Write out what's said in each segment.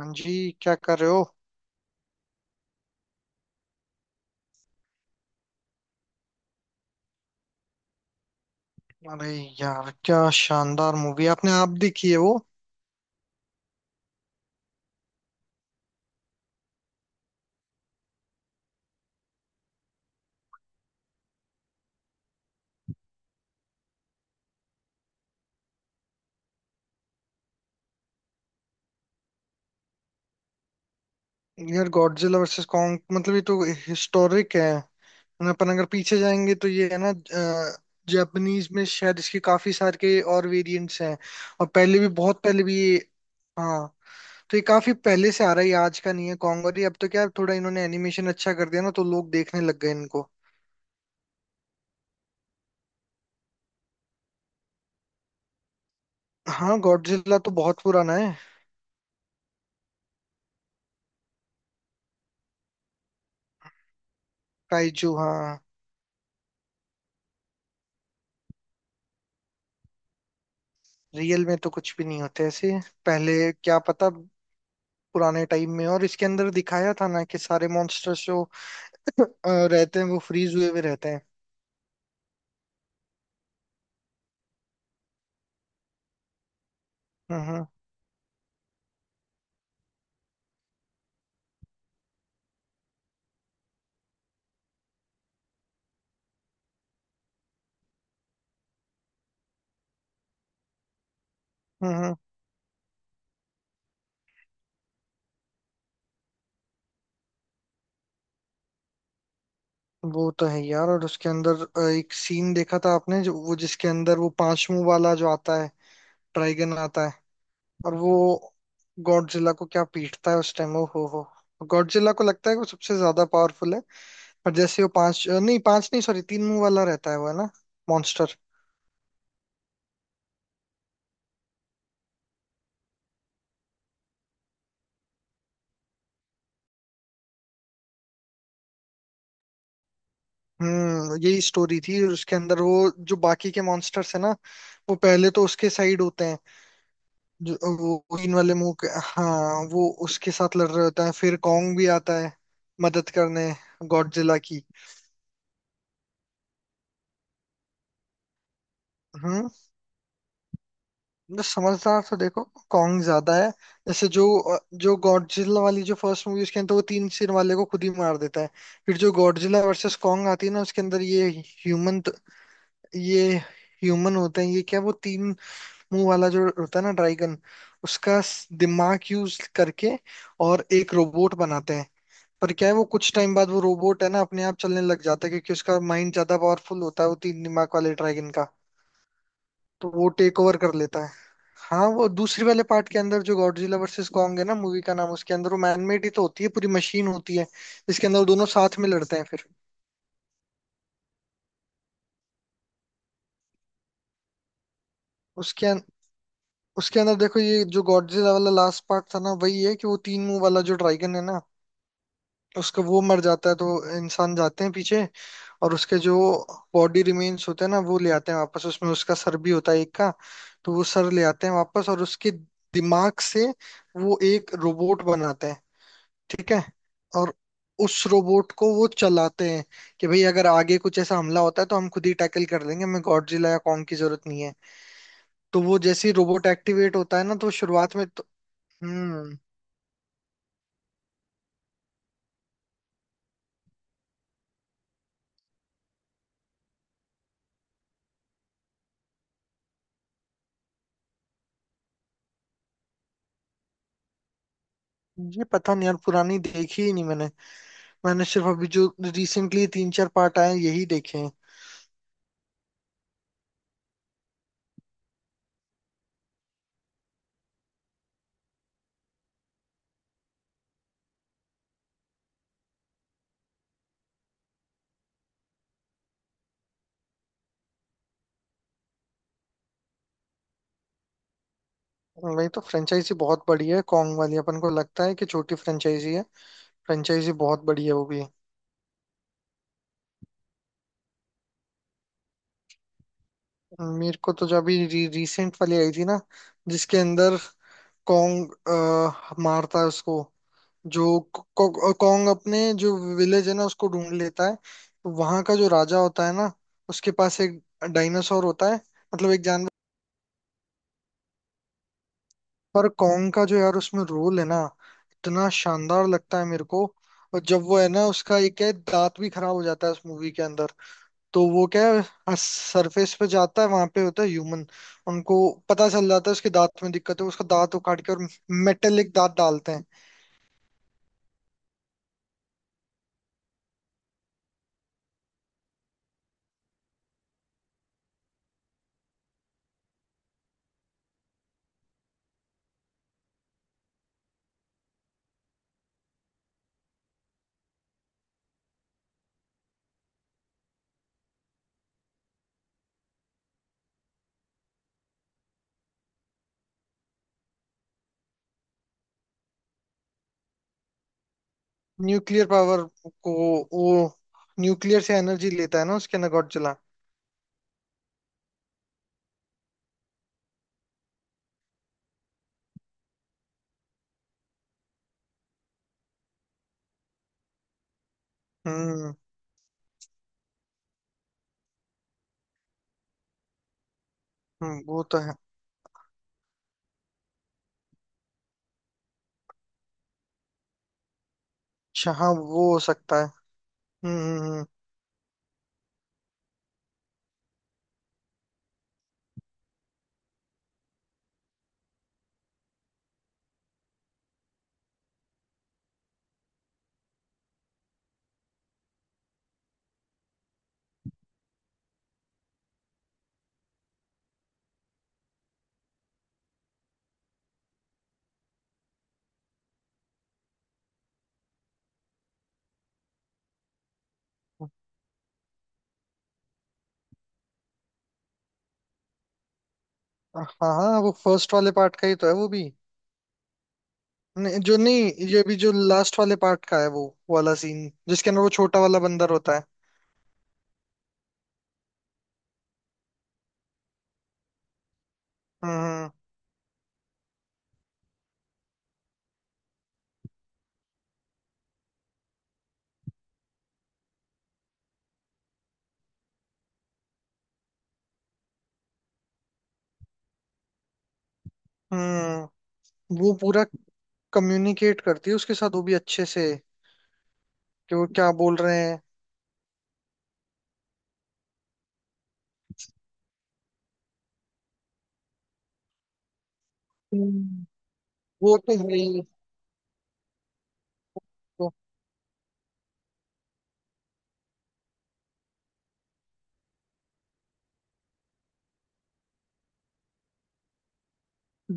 हाँ जी, क्या कर रहे हो। अरे यार, क्या शानदार मूवी आपने आप देखी है वो। यार गॉडजिला वर्सेस कॉन्ग मतलब ये तो हिस्टोरिक है। ना, अपन अगर पीछे जाएंगे तो ये है ना। जापानीज में शायद इसके काफी सारे के और वेरिएंट्स हैं। और पहले भी बहुत पहले भी ये। हाँ। तो ये काफी पहले से आ रहा है, ये आज का नहीं है कॉन्ग, और ये अब तो क्या है, थोड़ा इन्होंने एनिमेशन अच्छा कर दिया ना तो लोग देखने लग गए इनको। हाँ, गॉडजिला तो बहुत पुराना है। काइजू, हाँ। रियल में तो कुछ भी नहीं होते ऐसे। पहले क्या पता। पुराने टाइम में, और इसके अंदर दिखाया था ना कि सारे मॉन्स्टर्स जो रहते हैं वो फ्रीज हुए हुए रहते हैं। हम्म। हम्म। हम्म, हम्म। वो तो है यार। और उसके अंदर एक सीन देखा था आपने, जो वो जिसके अंदर वो पांच मुंह वाला जो आता है, ड्रैगन आता है। और वो गॉडजिला को क्या पीटता है उस टाइम, ओ हो, गॉडजिला को लगता है कि वो सबसे ज्यादा पावरफुल है। पर जैसे वो पांच, नहीं पांच नहीं, सॉरी, तीन मुंह वाला रहता है वो है ना। मॉन्स्टर। यही स्टोरी थी, और उसके अंदर वो जो बाकी के मॉन्स्टर्स है ना, वो पहले तो उसके साइड होते हैं। जो वो ग्रीन वाले मुंह के, हाँ, वो उसके साथ लड़ रहे होते हैं, फिर कॉन्ग भी आता है मदद करने, गॉडजिला की। हम्म। बस समझदार तो देखो, कॉन्ग ज्यादा है। जैसे जो जो गॉडजिला वाली जो फर्स्ट मूवी, उसके अंदर वो तीन सिर वाले को खुद ही मार देता है। फिर जो गॉडजिला वर्सेस कॉन्ग आती है ना, उसके अंदर ह्यूमन ये ह्यूमन होते हैं ये, क्या वो तीन मुंह वाला जो होता है ना ड्रैगन, उसका दिमाग यूज करके और एक रोबोट बनाते हैं। पर क्या है, वो कुछ टाइम बाद वो रोबोट है ना अपने आप चलने लग जाता है, क्योंकि उसका माइंड ज्यादा पावरफुल होता है वो तीन दिमाग वाले ड्रैगन का। तो वो टेक ओवर कर लेता है। हाँ, वो दूसरी वाले पार्ट के अंदर, जो गॉडजिला वर्सेस कॉन्ग है ना, मूवी का नाम, उसके अंदर वो मैनमेड ही तो होती है, पूरी मशीन होती है जिसके अंदर वो दोनों साथ में लड़ते हैं फिर। उसके अं- उसके अंदर देखो, ये जो गॉडजिला वाला लास्ट पार्ट था ना, वही है, कि वो तीन मुंह वाला जो ड्रैगन है ना, उसका वो मर जाता है, तो इंसान जाते हैं पीछे, और उसके जो बॉडी रिमेन्स होते हैं ना वो ले आते हैं वापस, उसमें उसका सर भी होता है एक का। तो वो सर ले आते हैं वापस, और उसके दिमाग से वो एक रोबोट बनाते हैं, ठीक है। और उस रोबोट को वो चलाते हैं कि भाई अगर आगे कुछ ऐसा हमला होता है तो हम खुद ही टैकल कर लेंगे, हमें गॉडजिला या कॉन्ग की जरूरत नहीं है। तो वो जैसे ही रोबोट एक्टिवेट होता है ना, तो शुरुआत में तो। हम्म। ये पता नहीं यार, पुरानी देखी ही नहीं मैंने। मैंने सिर्फ अभी जो रिसेंटली तीन चार पार्ट आए हैं, यही देखे हैं। वही तो, फ्रेंचाइजी बहुत बड़ी है कॉन्ग वाली, अपन को लगता है कि छोटी फ्रेंचाइजी है। फ्रेंचाइजी बहुत बड़ी है वो भी। मेरे को तो जब अभी रिसेंट वाली आई थी ना, जिसके अंदर कॉन्ग मारता है उसको, जो कॉन्ग अपने जो विलेज है ना उसको ढूंढ लेता है, वहां का जो राजा होता है ना, उसके पास एक डायनासोर होता है, मतलब एक जानवर। पर कॉन्ग का जो यार उसमें रोल है ना, इतना शानदार लगता है मेरे को। और जब वो है ना, उसका एक है दांत भी खराब हो जाता है उस मूवी के अंदर, तो वो क्या है, सरफेस पे जाता है, वहां पे होता है ह्यूमन, उनको पता चल जाता है उसके दांत में दिक्कत है, उसका दांत उखाड़ के और मेटेलिक दांत डालते हैं। न्यूक्लियर पावर को, वो न्यूक्लियर से एनर्जी लेता है ना उसके, नगोटजिला। हम्म। वो तो है। अच्छा हाँ, वो हो सकता है। हम्म, हम्म। हाँ, हाँ, वो फर्स्ट वाले पार्ट का ही तो है वो भी। नहीं, जो नहीं ये भी जो लास्ट वाले पार्ट का है, वो वाला सीन जिसके अंदर वो छोटा वाला बंदर होता है। हम्म। हम्म। वो पूरा कम्युनिकेट करती है उसके साथ, वो भी अच्छे से, कि वो क्या बोल रहे हैं। हम्म। वो तो तो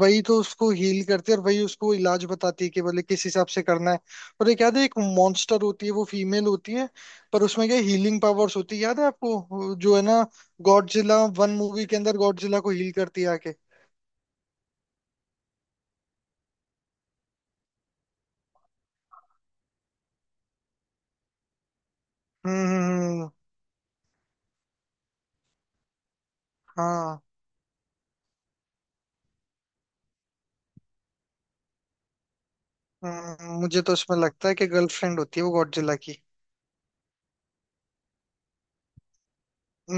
वही तो उसको हील करती है, और वही उसको इलाज बताती है कि बोले किस हिसाब से करना है। और एक याद है, एक मॉन्स्टर होती है वो फीमेल होती है, पर उसमें क्या हीलिंग पावर्स होती है, याद है आपको जो है ना, गॉडजिला वन मूवी के अंदर गॉडजिला को हील करती है आके। हम्म, हम्म। हाँ। मुझे तो उसमें लगता है कि गर्लफ्रेंड होती है वो गॉडजिला की।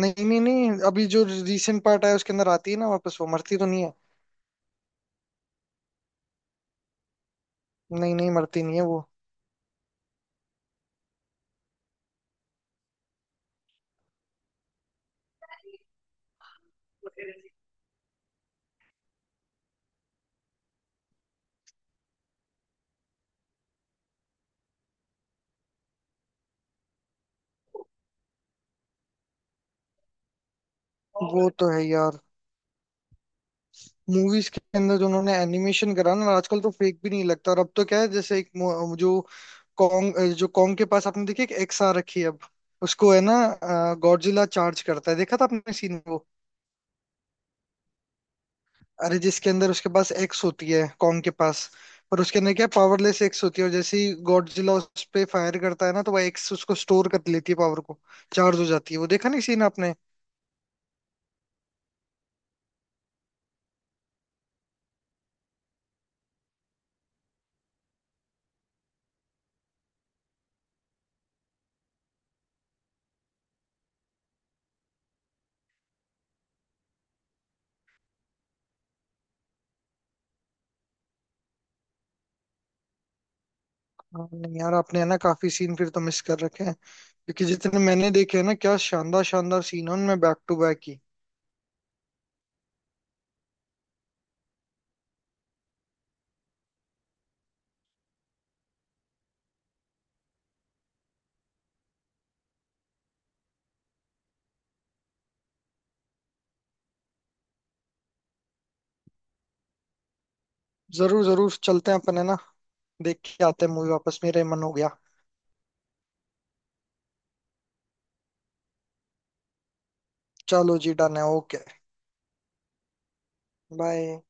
नहीं, नहीं, नहीं, अभी जो रीसेंट पार्ट आया उसके अंदर आती है ना वापस, वो मरती तो नहीं है। नहीं, नहीं, मरती नहीं है वो। वो तो है यार, मूवीज के अंदर जो उन्होंने एनिमेशन करा ना, आजकल तो फेक भी नहीं लगता, और अब तो क्या है, जैसे एक मो- कॉन्ग जो कॉन्ग के पास आपने देखी एक एक्स आ रखी है अब, उसको है ना गॉडजिला चार्ज करता है, देखा था आपने सीन। अरे, जिसके अंदर उसके पास एक्स होती है कॉन्ग के पास, पर उसके अंदर क्या, पावरलेस एक्स होती है, और जैसे ही गॉडजिला उस पे फायर करता है ना, तो वह एक्स उसको स्टोर कर लेती है पावर को, चार्ज हो जाती है वो, देखा नहीं सीन आपने। हाँ, नहीं यार, आपने है ना काफी सीन फिर तो मिस कर रखे हैं, क्योंकि जितने मैंने देखे हैं ना, क्या शानदार शानदार सीन है उनमें, बैक टू बैक ही। जरूर जरूर चलते हैं अपन है ना, देख के आते हैं मूवी, वापस मेरा ही मन हो गया। चलो जी, डन है, ओके। बाय।